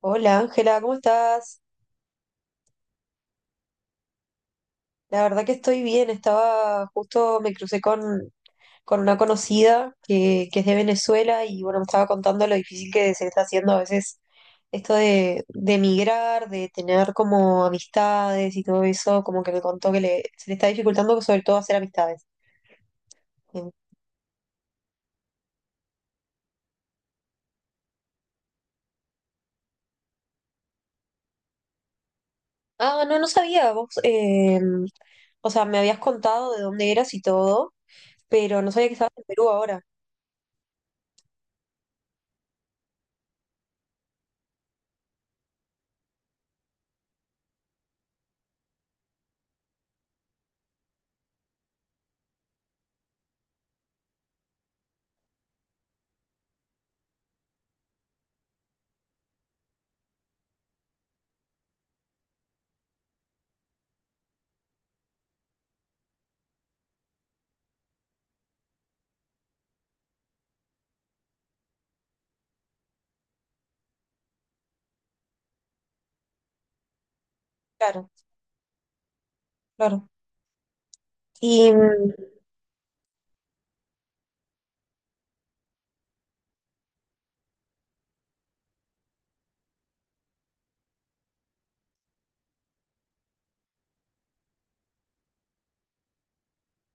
Hola Ángela, ¿cómo estás? La verdad que estoy bien, estaba justo, me crucé con una conocida que es de Venezuela y bueno, me estaba contando lo difícil que se está haciendo a veces esto de emigrar, de tener como amistades y todo eso, como que me contó que se le está dificultando sobre todo hacer amistades. Em, Ah, no, no sabía, vos, o sea, me habías contado de dónde eras y todo, pero no sabía que estabas en Perú ahora. Claro, claro. Y mm,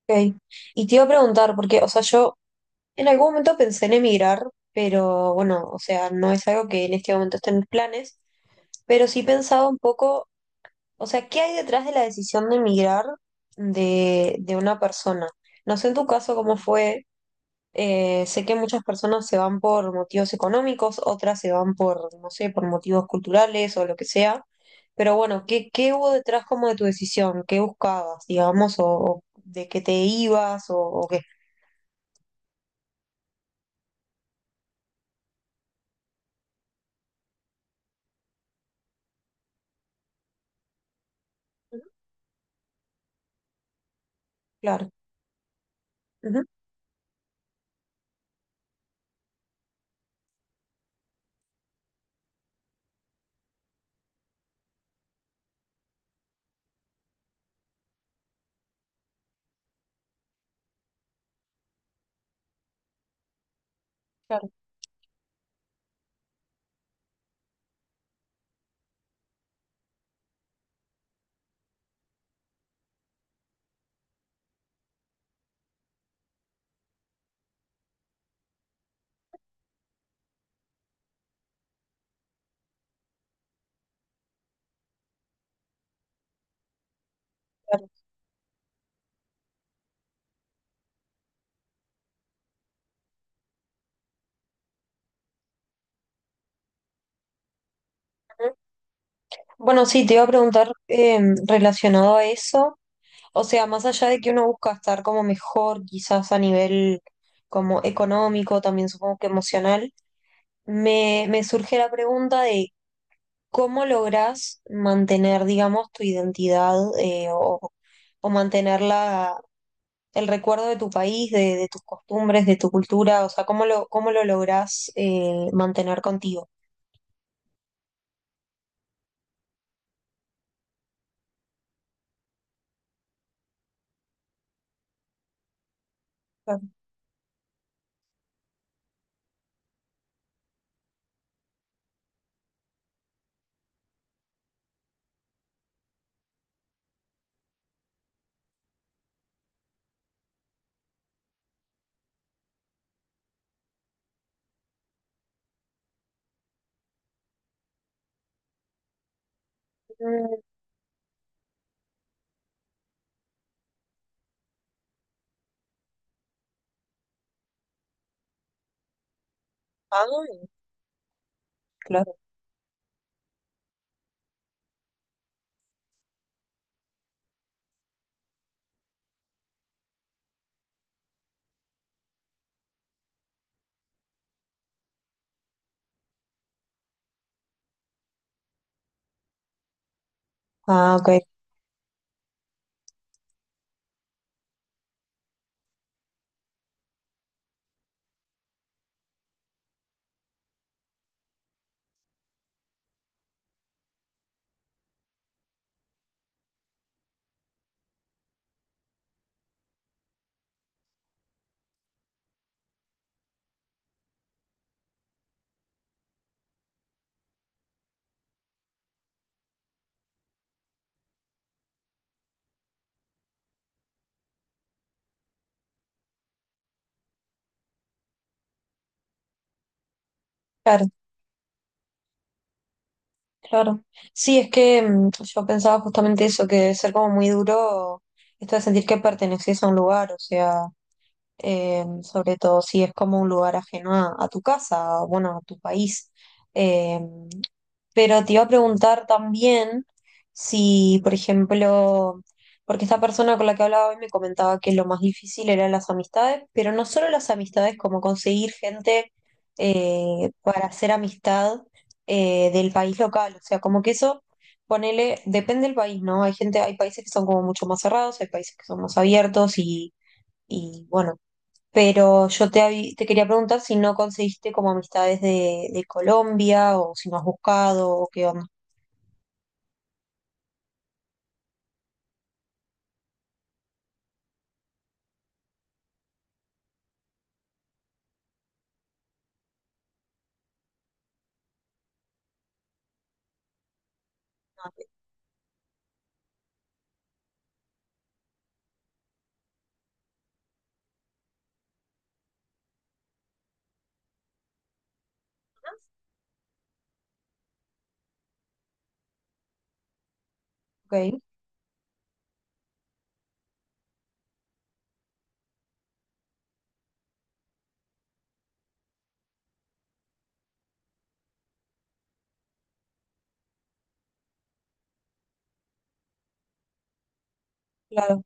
Ok. Y te iba a preguntar, porque, o sea, yo en algún momento pensé en emigrar, pero bueno, o sea, no es algo que en este momento esté en mis planes, pero sí pensaba un poco, o sea, ¿qué hay detrás de la decisión de emigrar de una persona? No sé en tu caso cómo fue, sé que muchas personas se van por motivos económicos, otras se van por, no sé, por motivos culturales o lo que sea, pero bueno, ¿qué hubo detrás como de tu decisión? ¿Qué buscabas, digamos, o de qué te ibas o qué? Claro. Ujú. Claro, claro. Ujú. Bueno, sí, te iba a preguntar relacionado a eso, o sea, más allá de que uno busca estar como mejor, quizás a nivel como económico, también supongo que emocional, me surge la pregunta de cómo lográs mantener, digamos, tu identidad o mantener el recuerdo de tu país, de tus costumbres, de tu cultura, o sea, cómo lo lográs mantener contigo. Claro. Mm, ah, claro. Ah, ok, claro, claro. Sí, es que yo pensaba justamente eso, que debe ser como muy duro esto de sentir que perteneces a un lugar, o sea. Sobre todo si es como un lugar ajeno a tu casa, o, bueno, a tu país. Em, pero te iba a preguntar también si, por ejemplo, porque esta persona con la que hablaba hoy me comentaba que lo más difícil eran las amistades, pero no solo las amistades, como conseguir gente para hacer amistad del país local. O sea, como que eso, ponele, depende del país, ¿no? Hay gente, hay países que son como mucho más cerrados, hay países que son más abiertos y bueno. Pero yo te quería preguntar si no conseguiste como amistades de Colombia o si no has buscado o qué onda. Ah, ok, claro.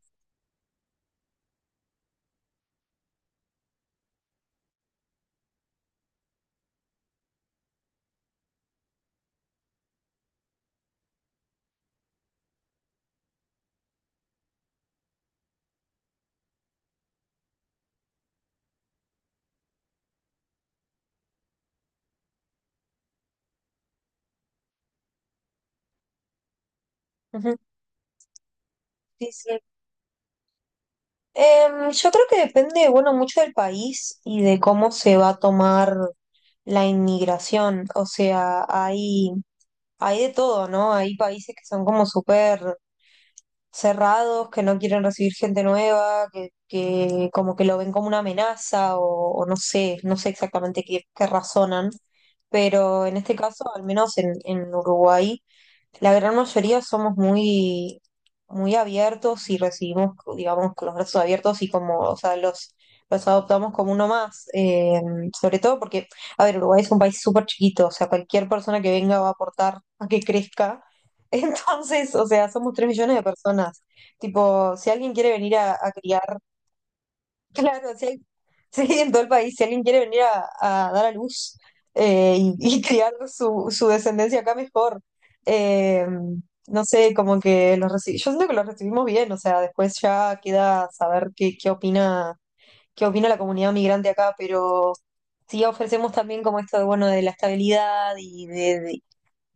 Ujú, sí, sí. Yo creo que depende, bueno, mucho del país y de cómo se va a tomar la inmigración. O sea, hay de todo, ¿no? Hay países que son como súper cerrados, que no quieren recibir gente nueva, que como que lo ven como una amenaza o no sé exactamente qué razonan, pero en este caso, al menos en Uruguay, la gran mayoría somos muy, muy abiertos y recibimos, digamos, con los brazos abiertos y como, o sea, los adoptamos como uno más, sobre todo porque, a ver, Uruguay es un país súper chiquito, o sea, cualquier persona que venga va a aportar a que crezca. Entonces, o sea, somos 3 millones de personas. Tipo, si alguien quiere venir a criar. Claro, si. Si en todo el país, si alguien quiere venir a dar a luz y, y criar su descendencia acá mejor. Eh, no sé, como que los recibimos, yo siento que los recibimos bien, o sea, después ya queda saber qué opina la comunidad migrante acá, pero sí ofrecemos también como esto de, bueno, de la estabilidad y de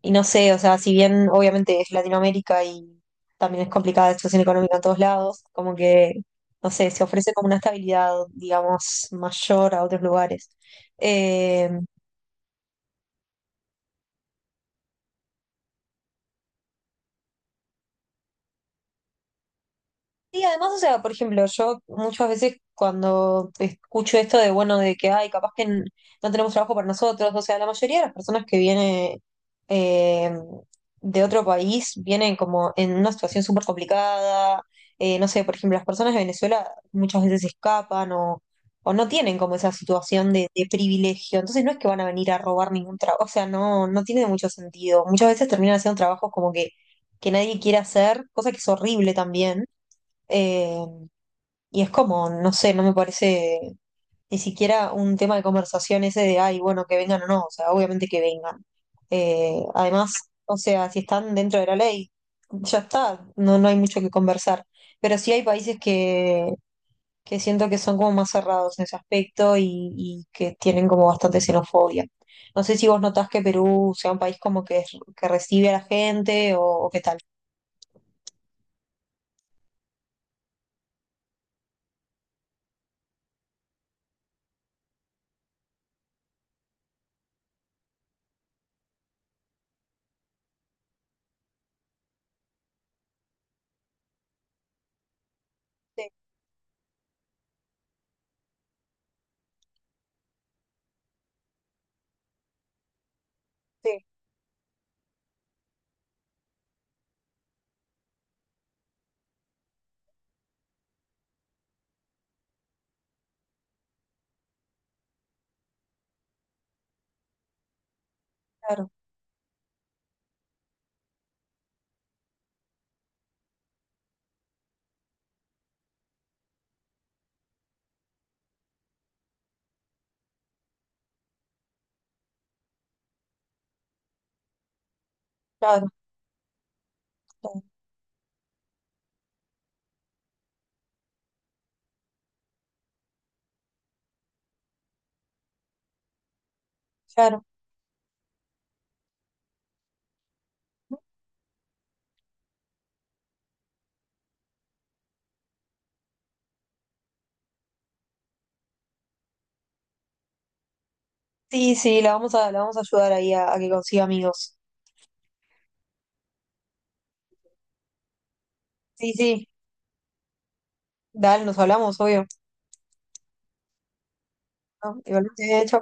y no sé, o sea, si bien obviamente es Latinoamérica y también es complicada la situación económica en todos lados, como que, no sé, se ofrece como una estabilidad, digamos, mayor a otros lugares. Eh, Sí, además, o sea, por ejemplo, yo muchas veces cuando escucho esto de, bueno, de que, ay, capaz que no tenemos trabajo para nosotros, o sea, la mayoría de las personas que viene eh, de otro país vienen como en una situación súper complicada, no sé, por ejemplo, las personas de Venezuela muchas veces escapan o no tienen como esa situación de privilegio, entonces no es que van a venir a robar ningún trabajo, o sea, no, no tiene mucho sentido. Muchas veces terminan haciendo trabajos como que nadie quiere hacer, cosa que es horrible también eh, y es como, no sé, no me parece ni siquiera un tema de conversación ese de, ay, bueno, que vengan o no, o sea, obviamente que vengan. Además, o sea, si están dentro de la ley, ya está, no, no hay mucho que conversar. Pero sí hay países que siento que son como más cerrados en ese aspecto y que tienen como bastante xenofobia. No sé si vos notás que Perú sea un país como que recibe a la gente o qué tal. Sí, sí, claro, claro, claro, claro. Sí, sí, la vamos a ayudar ahí a que consiga amigos. Sí, sí, dale, nos hablamos, obvio. ¿No? Igualmente, chau.